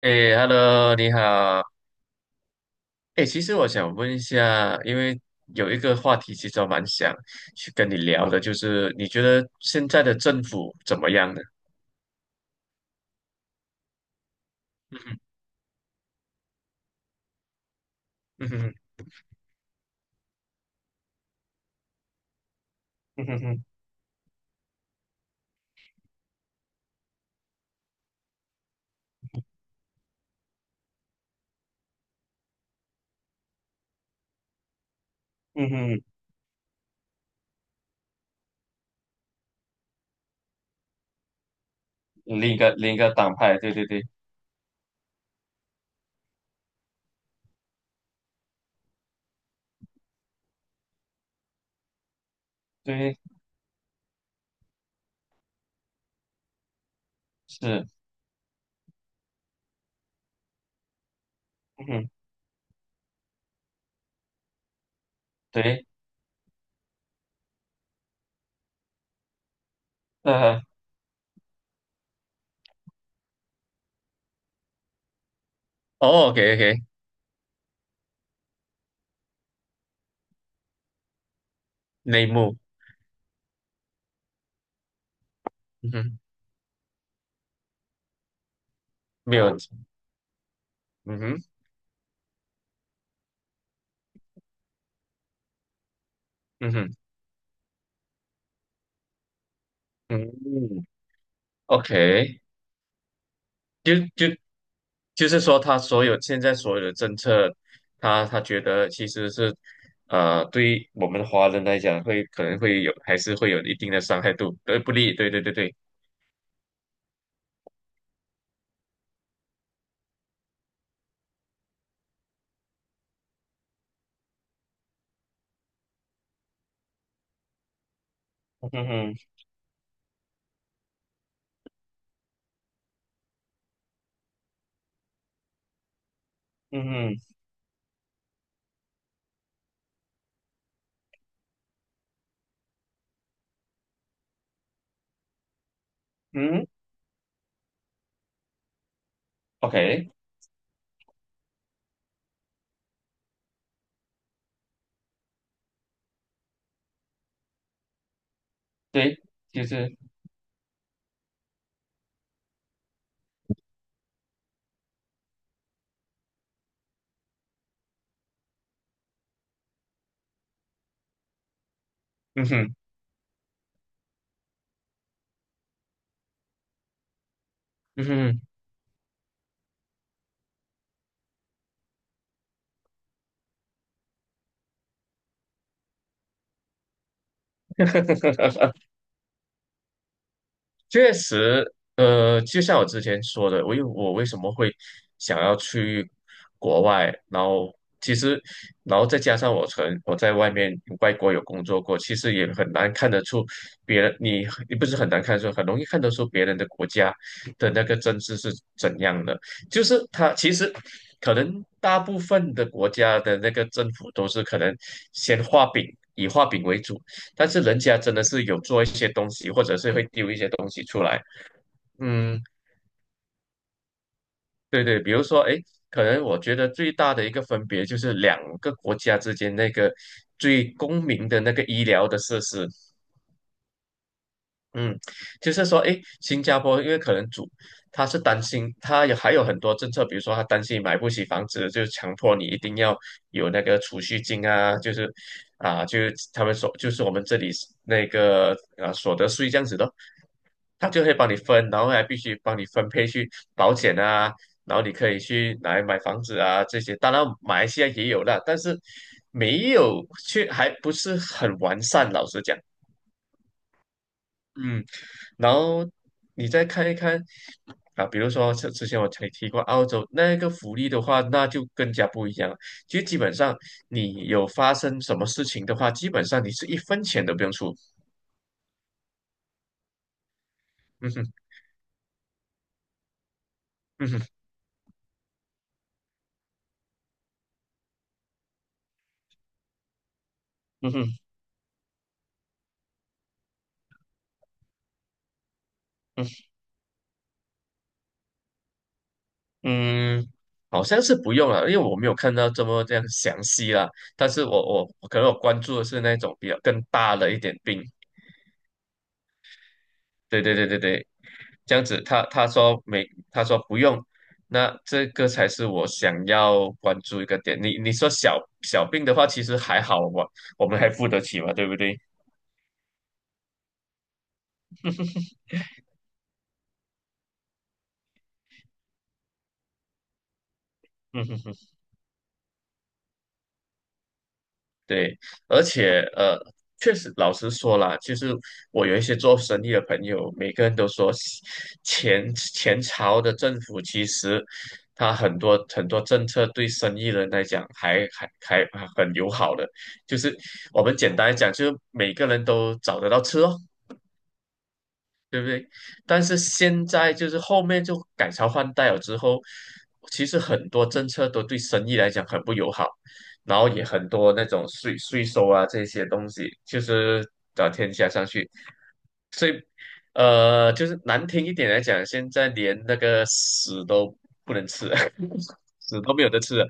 诶 hello 你好。诶，其实我想问一下，因为有一个话题其实我蛮想去跟你聊的，就是你觉得现在的政府怎么样呢？嗯哼，嗯哼，嗯哼，嗯哼，另一个党派，对对对对，是，嗯哼，对，呃，哦，OK，OK，内幕，嗯哼，没有，嗯哼，嗯哼，嗯哼，OK，就就就是说，他所有现在所有的政策，他觉得其实是，对我们华人来讲会，可能会有，还是会有一定的伤害度，对不利，对对对对，嗯哼，嗯哼，嗯，OK，对，就是，嗯哼，嗯哼。确实，就像我之前说的，我为什么会想要去国外，然后其实，然后再加上我在外国有工作过，其实也很难看得出别人，你不是很难看得出，很容易看得出别人的国家的那个政治是怎样的，就是他其实。可能大部分的国家的那个政府都是可能先画饼，以画饼为主，但是人家真的是有做一些东西，或者是会丢一些东西出来。嗯，对对，比如说，哎，可能我觉得最大的一个分别就是两个国家之间那个最公民的那个医疗的设施，嗯，就是说，诶，新加坡因为可能他是担心，还有很多政策，比如说他担心你买不起房子，就强迫你一定要有那个储蓄金啊，就是啊，就是我们这里是那个啊所得税这样子的，他就会帮你分，然后还必须帮你分配去保险啊，然后你可以去拿来买房子啊这些，当然马来西亚也有了，但是没有去还不是很完善，老实讲，嗯。然后你再看一看啊，比如说之前我才提过澳洲那个福利的话，那就更加不一样了。其实基本上你有发生什么事情的话，基本上你是一分钱都不用出。嗯哼，嗯哼，嗯哼，嗯哼嗯，好像是不用了，因为我没有看到这么这样详细啦。但是我可能我关注的是那种比较更大的一点病，对对对对对，这样子他说不用，那这个才是我想要关注一个点。你说小小病的话，其实还好，我们还付得起嘛，对不对？对，而且确实老实说啦，其实我有一些做生意的朋友，每个人都说前朝的政府其实他很多很多政策对生意人来讲还很友好的，就是我们简单来讲，就是每个人都找得到车。对不对？但是现在就是后面就改朝换代了之后，其实很多政策都对生意来讲很不友好，然后也很多那种税收啊这些东西，就是找天加上去，就是难听一点来讲，现在连那个屎都不能吃了 屎都没有得吃了。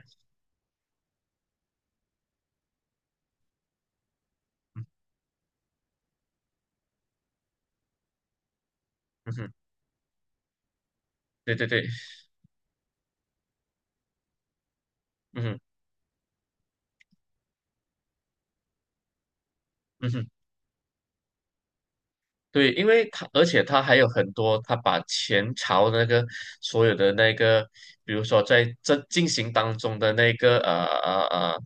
嗯哼，对对对，嗯哼。嗯哼对，因为他，而且他还有很多，他把前朝的那个所有的那个，比如说在这进行当中的那个呃呃呃，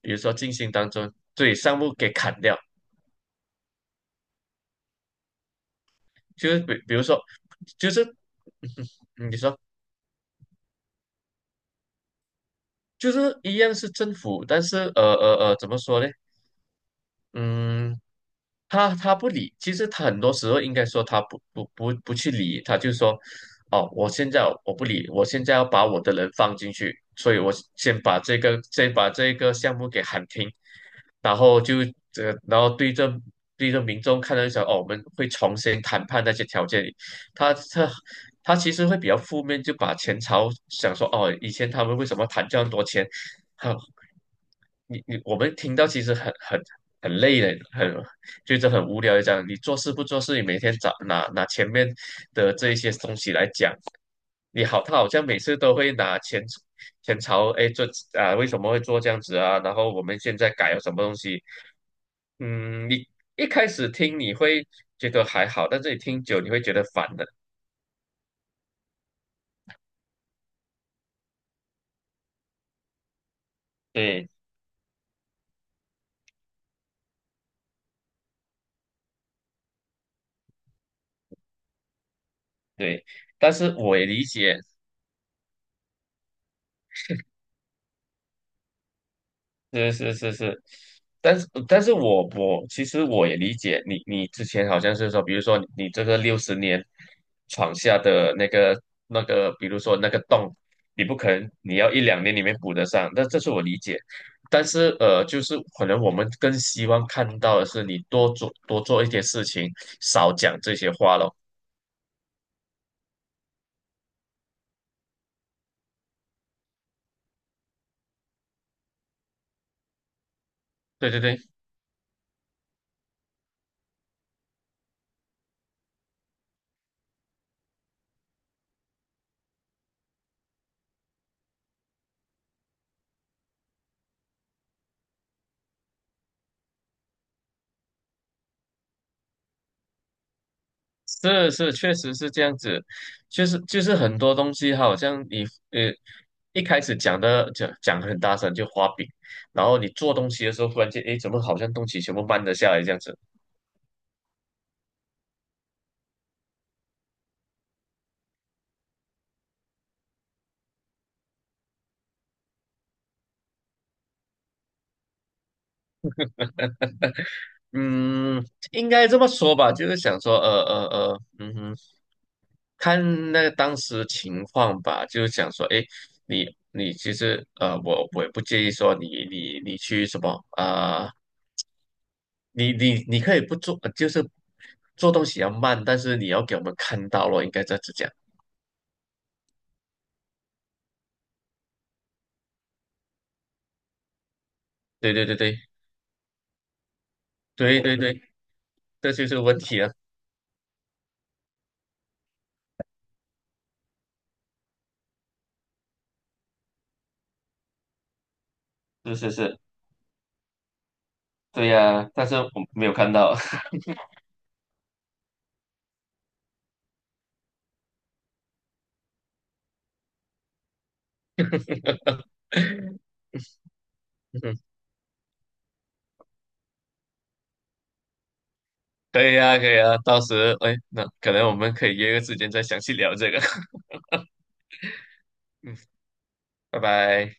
比如说进行当中，对，项目给砍掉，就是比如说，就是 你说就是一样是政府，但是怎么说呢？嗯。他不理，其实他很多时候应该说他不去理，他就说，哦，我现在我不理，我现在要把我的人放进去，所以我先把这个项目给喊停，然后这、然后对着对着民众看到想，哦，我们会重新谈判那些条件，他他他其实会比较负面，就把前朝想说，哦，以前他们为什么谈这样多钱，我们听到其实很累的，很觉得很无聊的样你做事不做事，你每天找拿前面的这一些东西来讲，你好，他好像每次都会拿前朝，哎，做啊为什么会做这样子啊？然后我们现在改了什么东西？嗯，你一开始听你会觉得还好，但这里听久你会觉得烦的。对对，但是我也理解，是是是是，但是我其实我也理解你，你之前好像是说，比如说你这个60年闯下的那个，比如说那个洞，你不可能你要一两年里面补得上，那这是我理解。但是就是可能我们更希望看到的是你多做多做一些事情，少讲这些话咯。对对对。是是，确实是这样子，就是很多东西，好像你呃一开始讲的讲得很大声就画饼，然后你做东西的时候，忽然间诶，怎么好像东西全部慢了下来这样子？嗯，应该这么说吧，就是想说嗯哼，看那个当时情况吧，就是想说诶，你你其实我也不介意说你去什么啊、你可以不做，就是做东西要慢，但是你要给我们看到了，应该这样子讲。对对对对对对对，这就是问题啊，是是是，对呀、但是我没有看到。嗯，可以啊，可以啊，到时哎，那可能我们可以约个时间再详细聊这个。嗯，拜拜。